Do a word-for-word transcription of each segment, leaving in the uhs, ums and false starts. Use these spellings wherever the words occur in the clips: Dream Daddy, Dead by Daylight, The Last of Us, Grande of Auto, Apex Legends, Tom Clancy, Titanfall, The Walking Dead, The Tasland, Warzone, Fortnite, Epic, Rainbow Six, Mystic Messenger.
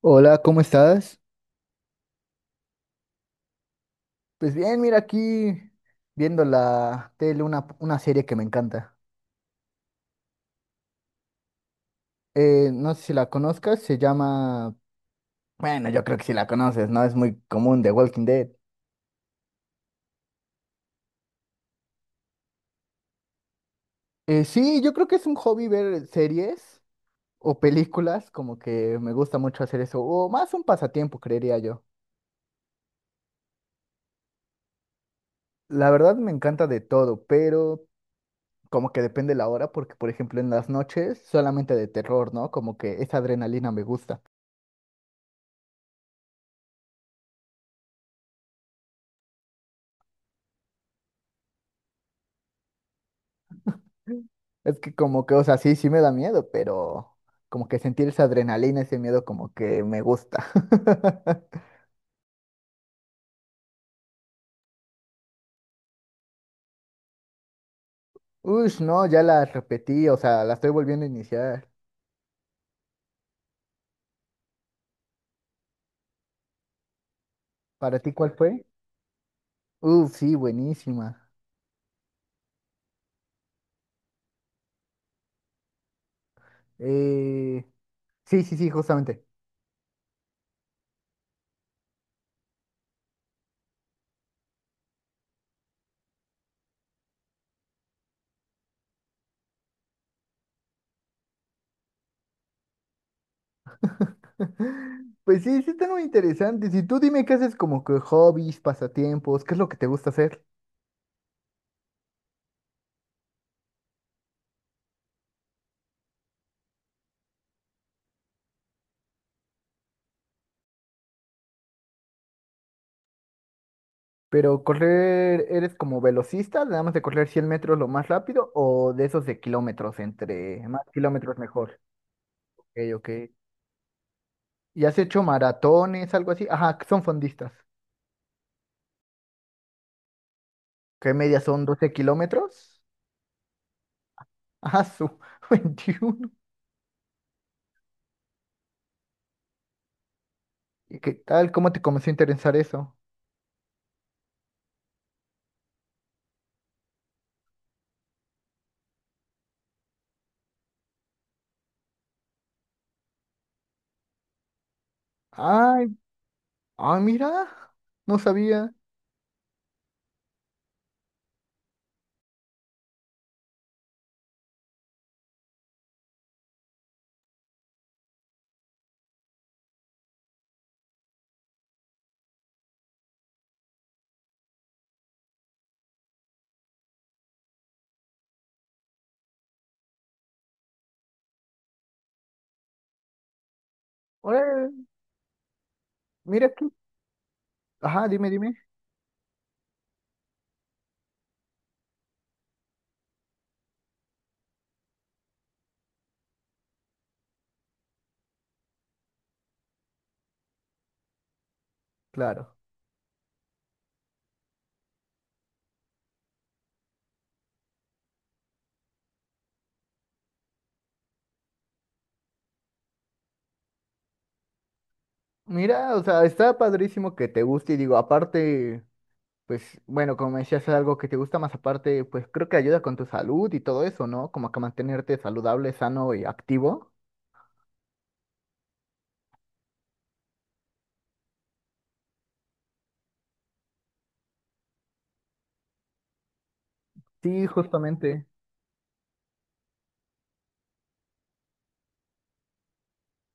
Hola, ¿cómo estás? Pues bien, mira aquí viendo la tele una, una serie que me encanta. Eh, no sé si la conozcas, se llama... Bueno, yo creo que sí la conoces, ¿no? Es muy común, The Walking Dead. Eh, sí, yo creo que es un hobby ver series o películas, como que me gusta mucho hacer eso, o más un pasatiempo, creería yo. La verdad me encanta de todo, pero como que depende la hora, porque por ejemplo en las noches solamente de terror, ¿no? Como que esa adrenalina me gusta. Es que como que, o sea, sí, sí me da miedo, pero como que sentir esa adrenalina, ese miedo como que me gusta. Ush, no, ya la repetí, o sea, la estoy volviendo a iniciar. ¿Para ti cuál fue? Uf, sí, buenísima. Eh, sí, sí, sí, justamente. Pues sí, sí están muy interesantes. Y tú dime qué haces como que hobbies, pasatiempos, qué es lo que te gusta hacer. Pero correr, ¿eres como velocista? ¿Nada más de correr cien metros lo más rápido o de esos de kilómetros? Entre más kilómetros mejor. Ok, ok. ¿Y has hecho maratones, algo así? Ajá, son fondistas. ¿Qué media son doce kilómetros? Ajá, su veintiuno. ¿Y qué tal? ¿Cómo te comenzó a interesar eso? Ay, ay, mira, no sabía. Órale, mira aquí. Ajá, dime, dime. Claro. Mira, o sea, está padrísimo que te guste y digo, aparte. Pues bueno, como me decías, es algo que te gusta más aparte, pues creo que ayuda con tu salud y todo eso, ¿no? Como que mantenerte saludable, sano y activo. Sí, justamente.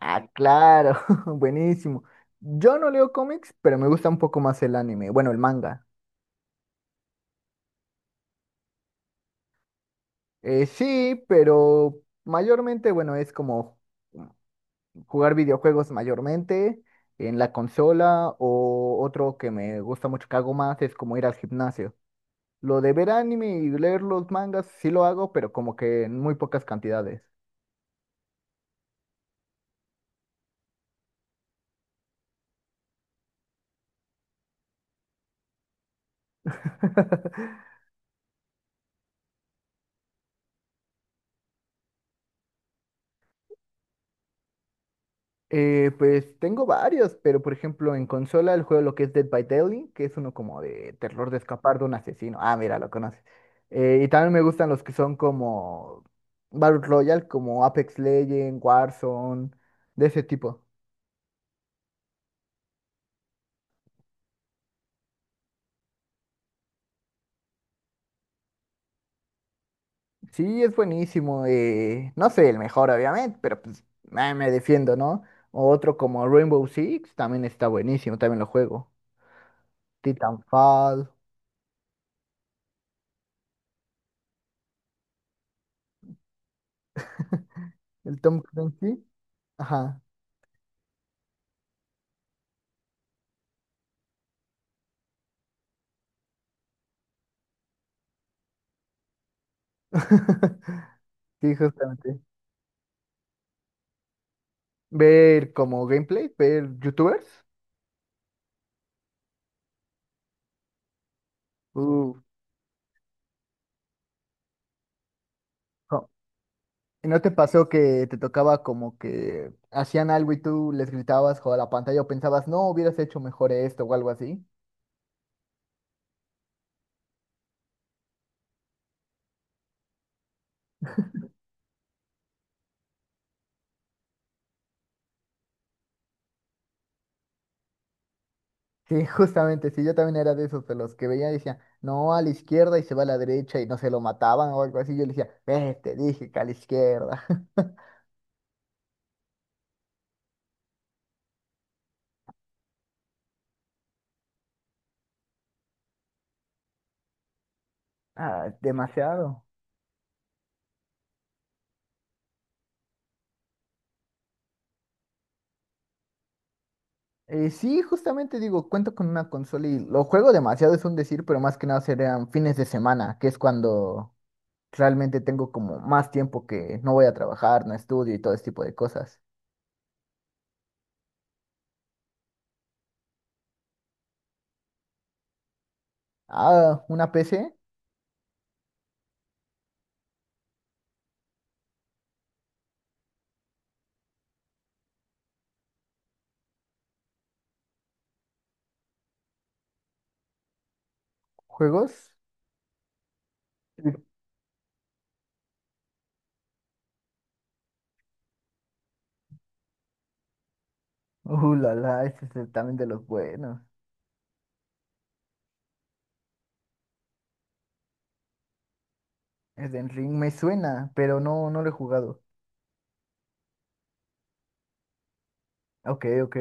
Ah, claro, buenísimo. Yo no leo cómics, pero me gusta un poco más el anime, bueno, el manga. Eh, sí, pero mayormente, bueno, es como jugar videojuegos mayormente en la consola o otro que me gusta mucho que hago más es como ir al gimnasio. Lo de ver anime y leer los mangas sí lo hago, pero como que en muy pocas cantidades. Eh, pues tengo varios, pero por ejemplo en consola el juego lo que es Dead by Daylight, que es uno como de terror de escapar de un asesino. Ah, mira, lo conoces. Eh, y también me gustan los que son como Battle Royale, como Apex Legends, Warzone, de ese tipo. Sí, es buenísimo. Eh, no soy el mejor, obviamente, pero pues eh, me defiendo, ¿no? O otro como Rainbow Six también está buenísimo, también lo juego. Titanfall, el Tom Clancy. Ajá. Sí, justamente. Ver como gameplay, ver youtubers. Uh, no. ¿Y no te pasó que te tocaba como que hacían algo y tú les gritabas o a la pantalla o pensabas, no, hubieras hecho mejor esto o algo así? Sí, justamente, sí, yo también era de esos, de los que veía y decía, no, a la izquierda y se va a la derecha y no se lo mataban o algo así. Yo le decía, ve, te dije que a la izquierda. Ah, demasiado. Eh, sí, justamente digo, cuento con una consola y lo juego demasiado, es un decir, pero más que nada serían fines de semana, que es cuando realmente tengo como más tiempo que no voy a trabajar, no estudio y todo ese tipo de cosas. Ah, una P C, juegos. Sí. Uh, la la, ese es también de los buenos. Es de Ring, me suena, pero no, no lo he jugado. Ok, ok.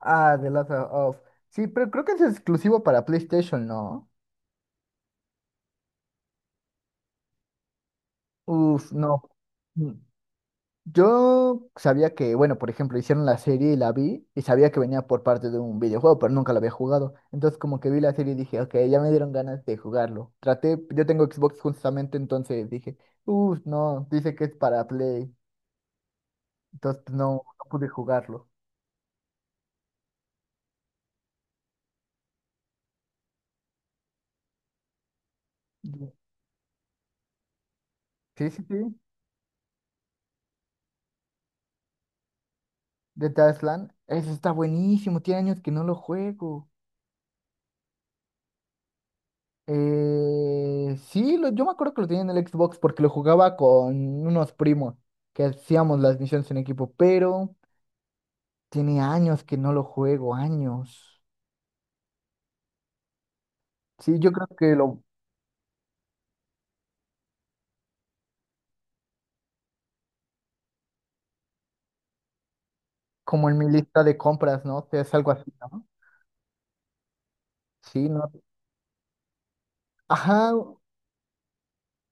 Ah, The Last of Us. Sí, pero creo que es exclusivo para PlayStation, ¿no? Uf, no. Yo sabía que, bueno, por ejemplo, hicieron la serie y la vi y sabía que venía por parte de un videojuego, pero nunca lo había jugado. Entonces como que vi la serie y dije, ok, ya me dieron ganas de jugarlo. Traté, yo tengo Xbox justamente, entonces dije, uff, no, dice que es para Play. Entonces no, no pude jugarlo. Yo, sí, sí, sí. The Tasland, eso está buenísimo, tiene años que no lo juego. Eh, sí, lo- yo me acuerdo que lo tenía en el Xbox porque lo jugaba con unos primos que hacíamos las misiones en equipo, pero... Tiene años que no lo juego, años. Sí, yo creo que lo, como en mi lista de compras, ¿no? Es algo así, ¿no? Sí, no. Ajá,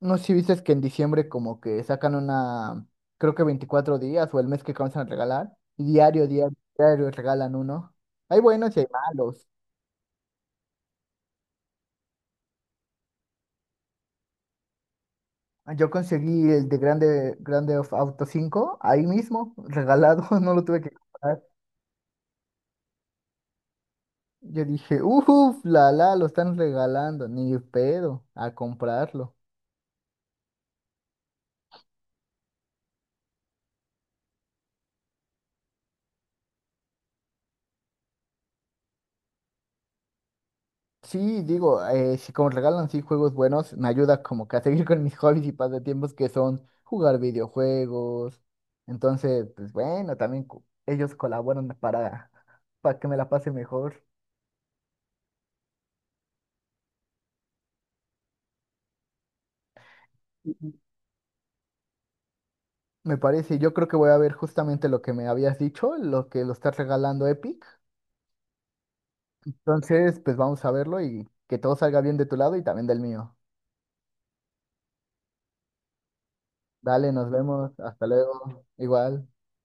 no sé si viste que en diciembre como que sacan una, creo que veinticuatro días o el mes que comienzan a regalar. Y diario, diario, diario regalan uno. Hay buenos y hay malos. Yo conseguí el de Grande, Grande of Auto cinco ahí mismo, regalado, no lo tuve que comprar. Yo dije, uff, la la, lo están regalando, ni pedo, a comprarlo. Sí, digo, eh, si como regalan sí juegos buenos, me ayuda como que a seguir con mis hobbies y pasatiempos que son jugar videojuegos. Entonces, pues bueno, también co- ellos colaboran para, para que me la pase mejor. Ujú. Me parece, yo creo que voy a ver justamente lo que me habías dicho, lo que lo está regalando Epic. Entonces, pues vamos a verlo y que todo salga bien de tu lado y también del mío. Dale, nos vemos, hasta luego, igual.